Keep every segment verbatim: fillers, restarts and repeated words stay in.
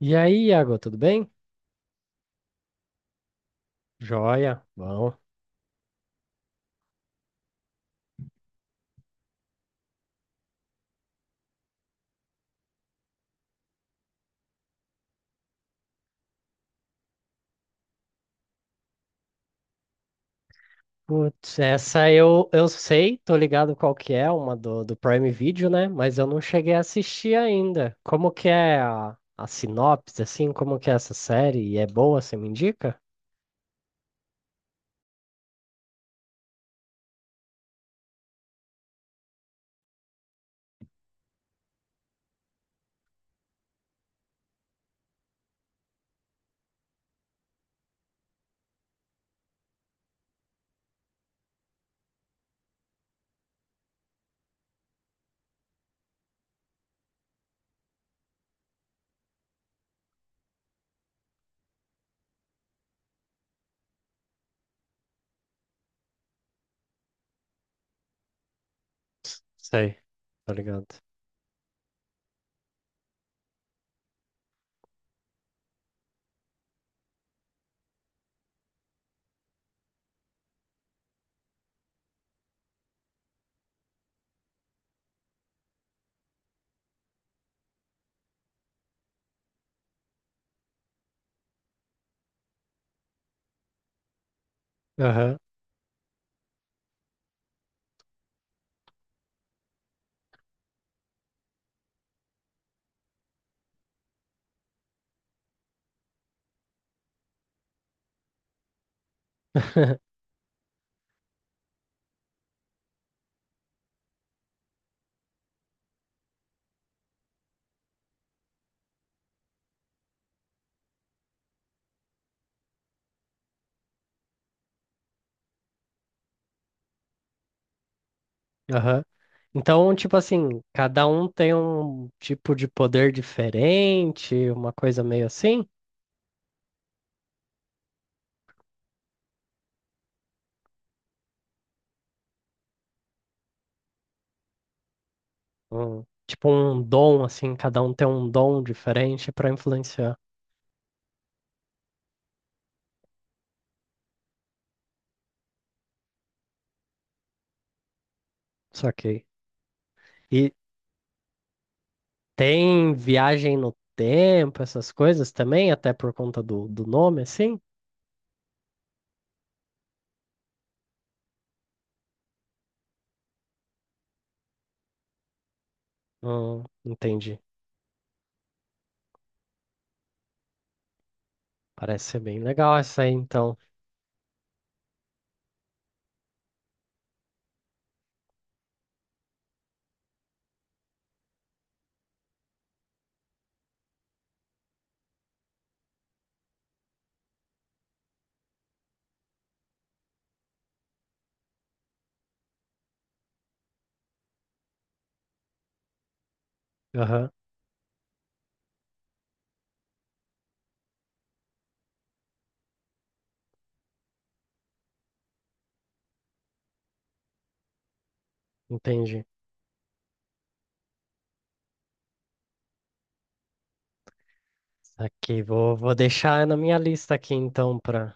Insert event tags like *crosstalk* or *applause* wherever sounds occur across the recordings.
E aí, Iago, tudo bem? Joia, bom. Putz, essa eu, eu sei, tô ligado qual que é, uma do, do Prime Video, né? Mas eu não cheguei a assistir ainda. Como que é a, a sinopse, assim? Como que é essa série? E é boa, você me indica? Sei, tô ligado. Aham, *laughs* aham. Então, tipo assim, cada um tem um tipo de poder diferente, uma coisa meio assim? Um, tipo um dom, assim, cada um tem um dom diferente para influenciar. Saquei. E tem viagem no tempo, essas coisas também, até por conta do, do nome, assim? Hum, entendi. Parece ser bem legal essa aí, então. Aham, entendi. Aqui, vou, vou deixar na minha lista aqui, então, para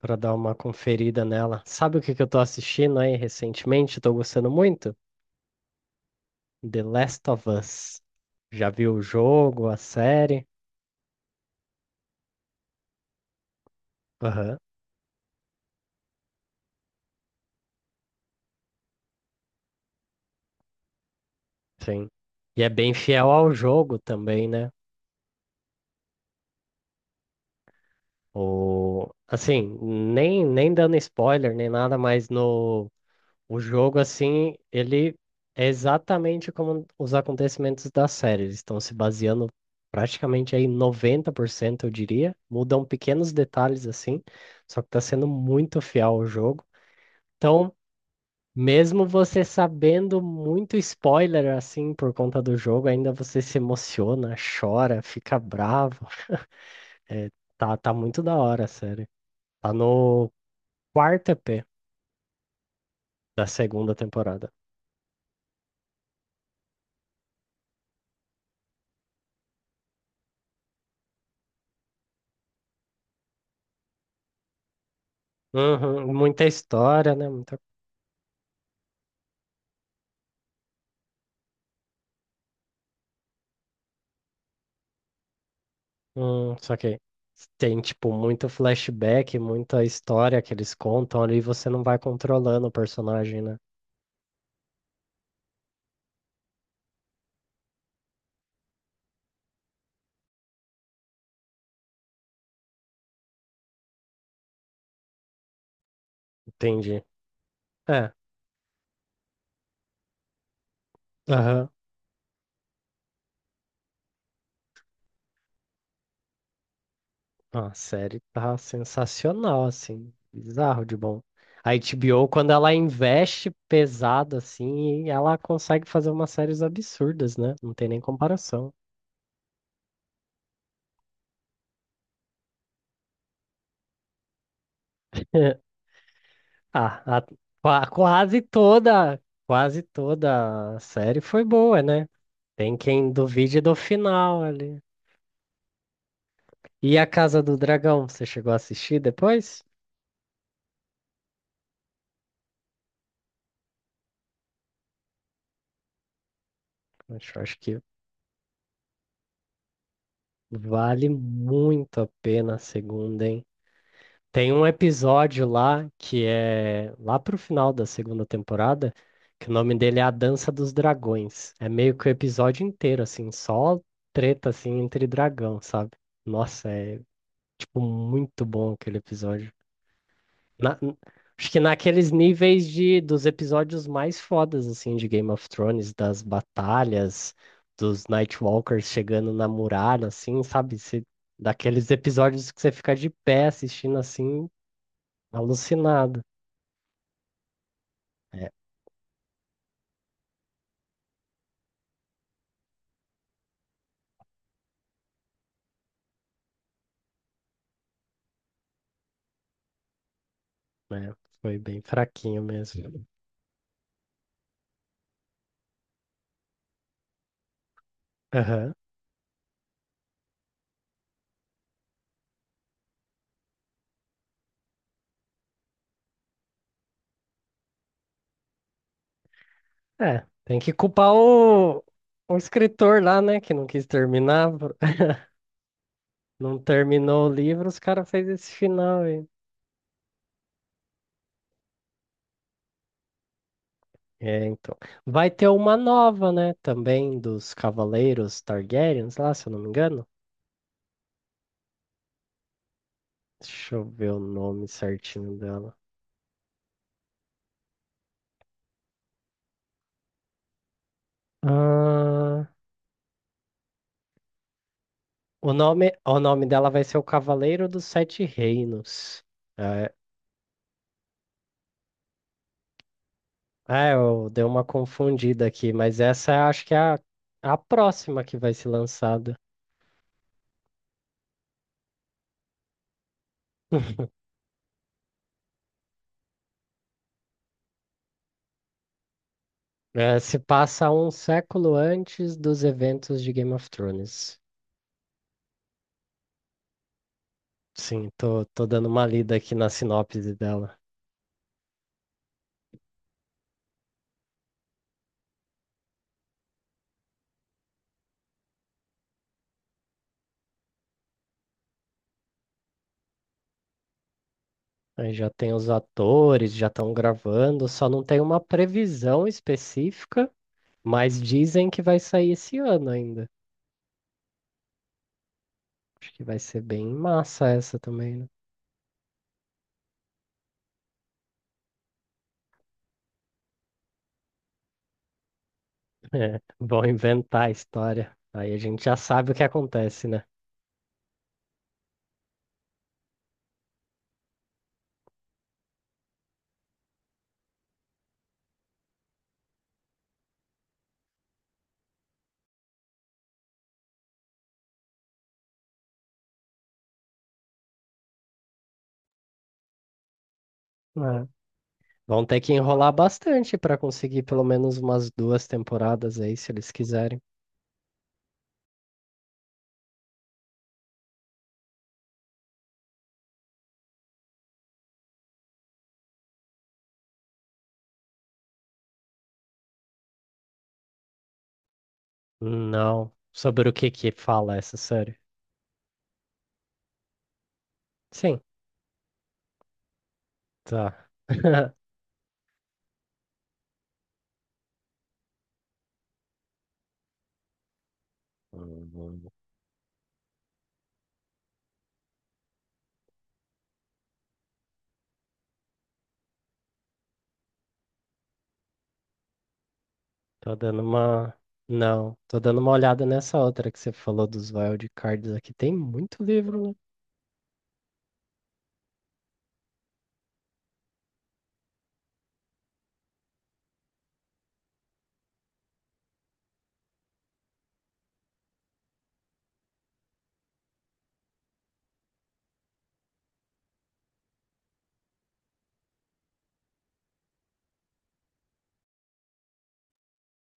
para dar uma conferida nela. Sabe o que que eu tô assistindo aí recentemente? Tô gostando muito? The Last of Us. Já viu o jogo, a série? Aham. Sim. E é bem fiel ao jogo também, né? O... Assim, nem, nem dando spoiler, nem nada, mas no o jogo, assim, ele é exatamente como os acontecimentos da série. Eles estão se baseando praticamente aí noventa por cento eu diria. Mudam pequenos detalhes, assim, só que tá sendo muito fiel ao jogo. Então, mesmo você sabendo muito spoiler, assim, por conta do jogo, ainda você se emociona, chora, fica bravo. É, tá, tá muito da hora a série. Tá no quarto E P da segunda temporada. Uhum, muita história, né? Muita... Hum, só que tem, tipo, muito flashback, muita história que eles contam ali e você não vai controlando o personagem, né? Entendi. É, aham. Ah, a série tá sensacional, assim. Bizarro de bom. A H B O, quando ela investe pesado, assim, ela consegue fazer umas séries absurdas, né? Não tem nem comparação. *laughs* Ah, a- qua- quase toda, quase toda a série foi boa, né? Tem quem duvide do final ali. E a Casa do Dragão, você chegou a assistir depois? Acho, acho que vale muito a pena a segunda, hein? Tem um episódio lá que é lá pro final da segunda temporada, que o nome dele é A Dança dos Dragões. É meio que o episódio inteiro, assim, só treta assim entre dragão, sabe? Nossa, é Tipo, muito bom aquele episódio. Na- n- acho que naqueles níveis de, dos episódios mais fodas, assim, de Game of Thrones, das batalhas, dos Nightwalkers chegando na muralha, assim, sabe? Cê- daqueles episódios que você fica de pé assistindo, assim, alucinado. É, né? Foi bem fraquinho mesmo. Aham. É, tem que culpar o, o escritor lá, né, que não quis terminar. *laughs* Não terminou o livro, os caras fez esse final aí. É, então. Vai ter uma nova, né? Também dos Cavaleiros Targaryens lá, se eu não me engano. Deixa eu ver o nome certinho dela. Ah, o nome, o nome dela vai ser o Cavaleiro dos Sete Reinos. É, é, eu dei uma confundida aqui, mas essa acho que é a, a próxima que vai ser lançada. *laughs* É, se passa um século antes dos eventos de Game of Thrones. Sim, tô, tô dando uma lida aqui na sinopse dela. Aí já tem os atores, já estão gravando, só não tem uma previsão específica, mas dizem que vai sair esse ano ainda. Acho que vai ser bem massa essa também, né? *laughs* É, vão inventar a história. Aí a gente já sabe o que acontece, né? Né? Vão ter que enrolar bastante para conseguir pelo menos umas duas temporadas aí, se eles quiserem. Não. Sobre o que que fala essa série? Sim, tá. *laughs* Tô dando uma. Não, tô dando uma olhada nessa outra que você falou dos wildcards aqui. Tem muito livro, né?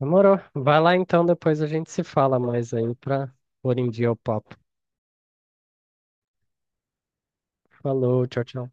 Demorou. Vai lá então, depois a gente se fala mais aí pra pôr em dia o papo. Falou, tchau, tchau.